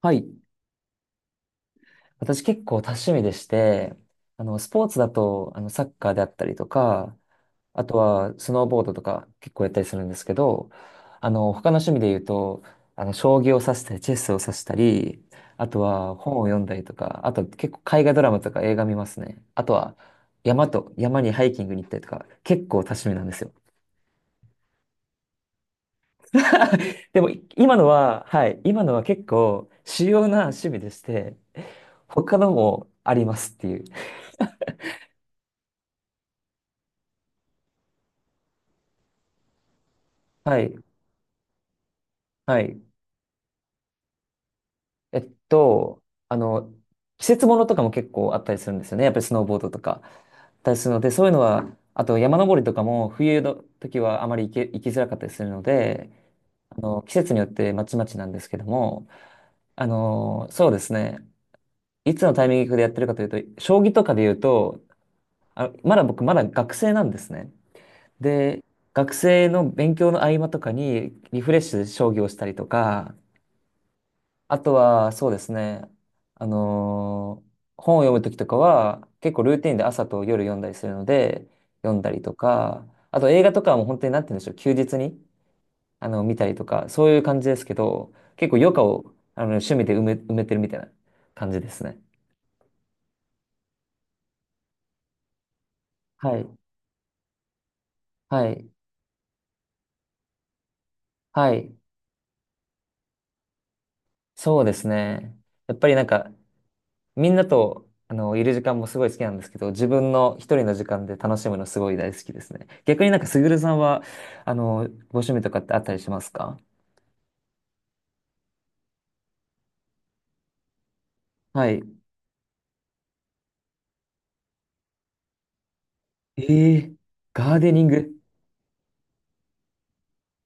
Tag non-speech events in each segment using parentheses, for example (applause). はい。私結構多趣味でして、スポーツだと、サッカーであったりとか、あとはスノーボードとか結構やったりするんですけど、他の趣味で言うと、将棋を指したり、チェスを指したり、あとは本を読んだりとか、あと結構海外ドラマとか映画見ますね。あとは山と、山にハイキングに行ったりとか、結構多趣味なんですよ。(laughs) でも、今のは、はい、今のは結構主要な趣味でして、他のもありますっていう。はい。はい。えっと、あの、季節ものとかも結構あったりするんですよね。やっぱりスノーボードとかあったりするので、そういうのは、あと山登りとかも冬の時はあまり行きづらかったりするので、季節によってまちまちなんですけども、そうですね。いつのタイミングでやってるかというと、将棋とかで言うと、あ、まだ僕まだ学生なんですね。で、学生の勉強の合間とかにリフレッシュで将棋をしたりとか、あとは、そうですね。あのー本を読むときとかは、結構ルーティンで朝と夜読んだりするので、読んだりとか、あと映画とかはもう本当になんて言うんでしょう、休日に、見たりとか、そういう感じですけど、結構余暇を、趣味で埋めてるみたいな感じですね。はい。はい。はい。そうですね。やっぱりなんか、みんなと、いる時間もすごい好きなんですけど、自分の一人の時間で楽しむのすごい大好きですね。逆になんか、すぐるさんは、ご趣味とかってあったりしますか？はい。えー、ガーデニング。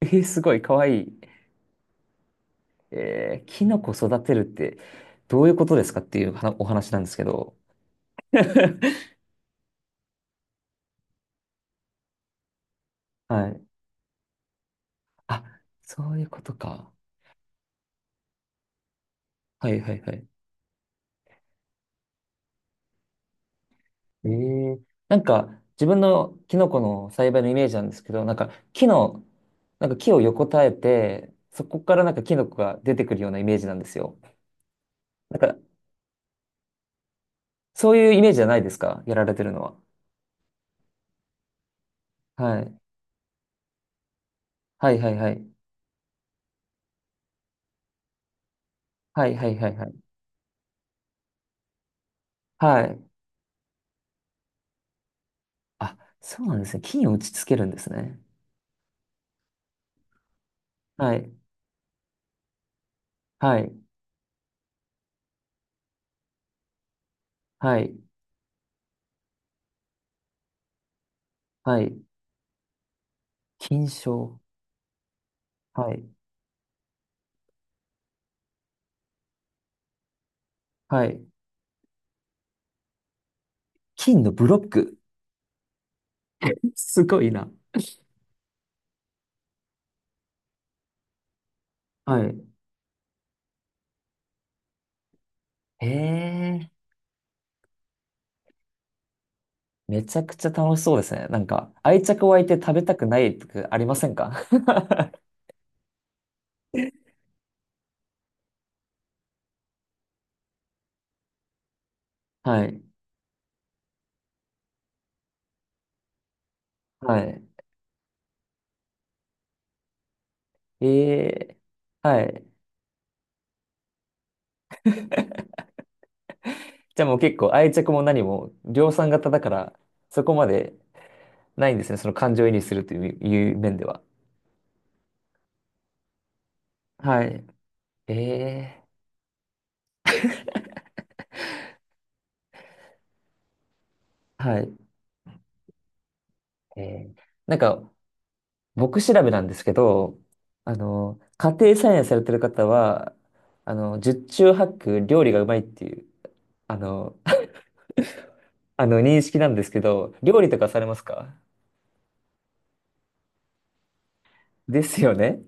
えー、すごい、かわいい。えー、キノコ育てるって、どういうことですかっていうはなお話なんですけど。(laughs) はい。あ、そういうことか。はいはいはい。ええ、なんか、自分のキノコの栽培のイメージなんですけど、なんか、木の、なんか木を横たえて、そこからなんかキノコが出てくるようなイメージなんですよ。なんか、そういうイメージじゃないですかやられてるのは。はい。はいはいはい。はいはいはいはい。はい。あ、そうなんですね。菌を打ちつけるんですね。はい。はい。はい。はい。菌床。はい。はい。菌のブロック。(laughs) すごいな。はい。へえ。めちゃくちゃ楽しそうですね。なんか、愛着湧いて食べたくないとかありませんか？ (laughs) はい。はい。ええ、はい。じゃあもう結構愛着も何も量産型だから、そこまでないんですね。その感情移入するという、いう面では。はい。ええ、はい。ええ、なんか、僕調べなんですけど、家庭菜園されてる方は、十中八九料理がうまいっていう、あの、(laughs) あの認識なんですけど、料理とかされますか？ですよね。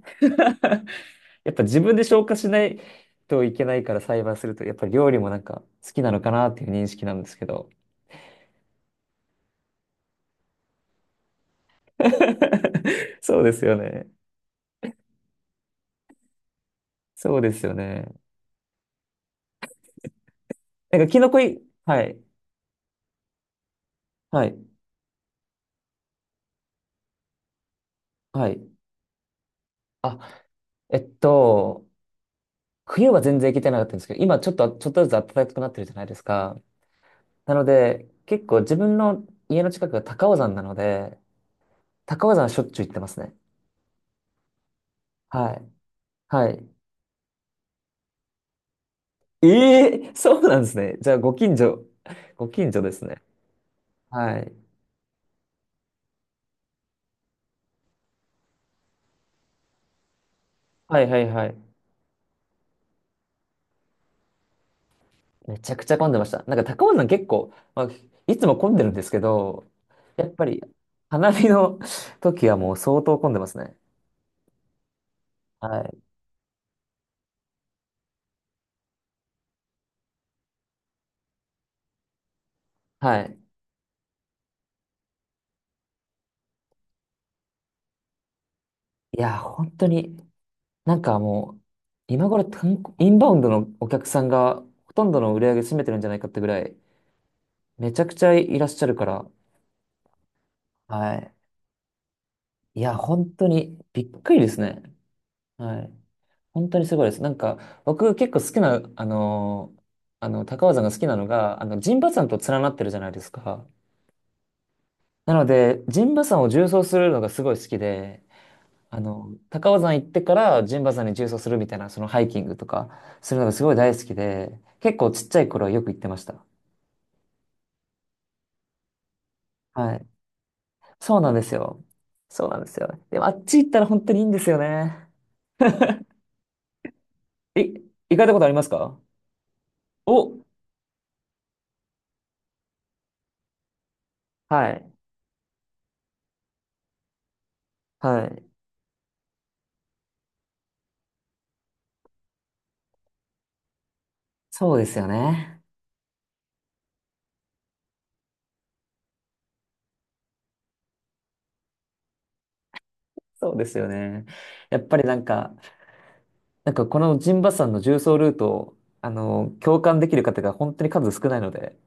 やっぱ自分で消化しないといけないから栽培すると、やっぱり料理もなんか好きなのかなっていう認識なんですけど。(laughs) そうですよね。そうですよね。なんかキノコい、はい、はい、はい。あ、えっと、冬は全然行けてなかったんですけど、今ちょっと、ちょっとずつ暖かくなってるじゃないですか。なので、結構自分の家の近くが高尾山なので、高尾山はしょっちゅう行ってますね。はい。はい。ええ、そうなんですね。じゃあ、ご近所、ご近所ですね。はい。はいはいはい。めちゃくちゃ混んでました。なんか高尾山結構、まあ、いつも混んでるんですけど、やっぱり花見の (laughs) 時はもう相当混んでますね。はい。はい。いや、本当に、なんかもう、今頃観光インバウンドのお客さんがほとんどの売り上げ占めてるんじゃないかってぐらい、めちゃくちゃいらっしゃるから、はい。いや、本当にびっくりですね。はい。本当にすごいです。なんか、僕結構好きな、高尾山が好きなのが、陣馬山と連なってるじゃないですか。なので、陣馬山を縦走するのがすごい好きで、高尾山行ってから陣馬山に縦走するみたいな、そのハイキングとか、するのがすごい大好きで、結構ちっちゃい頃はよく行ってました。はい。そうなんですよ。そうなんですよ。でも、あっち行ったら本当にいいんですよね。い、行かれたことありますか？お、はい。はい。そうですよね。そうですよね。やっぱりなんか、なんかこのジンバさんの重走ルートを、共感できる方が本当に数少ないので。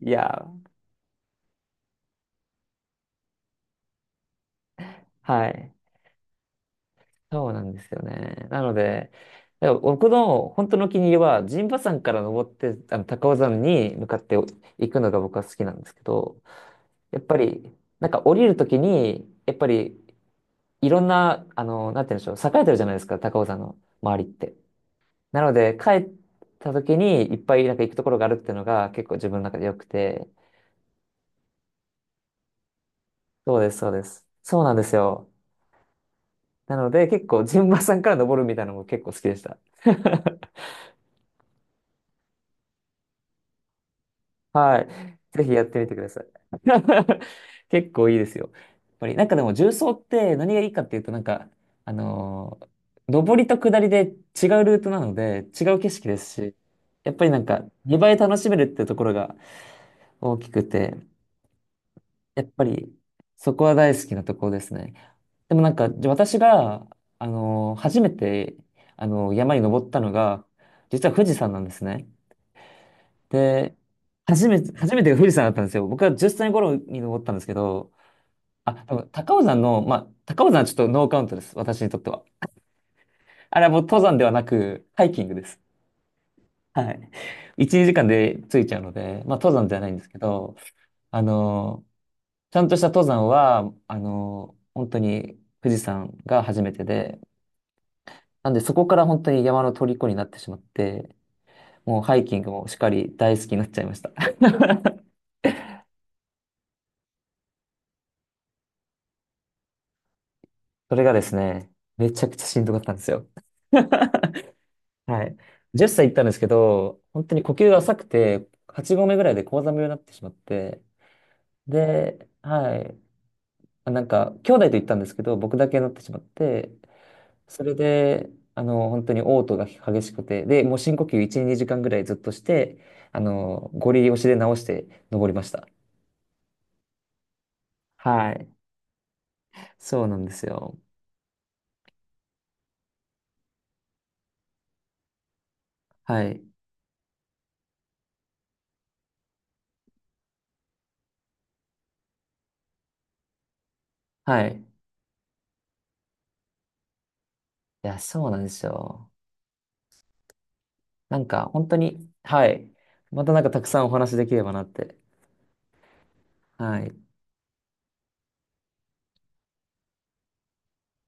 いやー、はい。そうなんですよね。なので、だから僕の本当のお気に入りは、陣馬山から登って、高尾山に向かって行くのが僕は好きなんですけど、やっぱり、なんか降りるときに、やっぱり、いろんな、なんて言うんでしょう、栄えてるじゃないですか、高尾山の周りって。なので、帰った時にいっぱいなんか行くところがあるっていうのが結構自分の中で良くて。そうです、そうです。そうなんですよ。なので、結構、陣馬さんから登るみたいなのも結構好きでした。(laughs) はい。ぜひやってみてください。(laughs) 結構いいですよ。やっぱり、なんかでも重曹って何がいいかっていうと、なんか、あのー上りと下りで違うルートなので、違う景色ですし、やっぱりなんか、2倍楽しめるってところが大きくて、やっぱり、そこは大好きなところですね。でもなんか、じゃあ私が、初めて、山に登ったのが、実は富士山なんですね。で、初めてが富士山だったんですよ。僕は10歳頃に登ったんですけど、あ、でも高尾山の、まあ、高尾山はちょっとノーカウントです。私にとっては。あれはもう登山ではなく、ハイキングです。はい。1、2時間で着いちゃうので、まあ、登山じゃないんですけど、あの、ちゃんとした登山は、本当に富士山が初めてで、なんでそこから本当に山の虜になってしまって、もうハイキングもしっかり大好きになっちゃいました。(laughs) それがですね、めちゃくちゃしんどかったんですよ。はい。10歳行ったんですけど、本当に呼吸が浅くて、8合目ぐらいで高山病になってしまって、で、はい。あ、なんか、兄弟と行ったんですけど、僕だけになってしまって、それで、本当に嘔吐が激しくて、で、もう深呼吸1、2時間ぐらいずっとして、ゴリ押しで直して登りました。はい。そうなんですよ。はい。はい。いや、そうなんですよ。なんか、本当に、はい。またなんかたくさんお話できればなって。はい。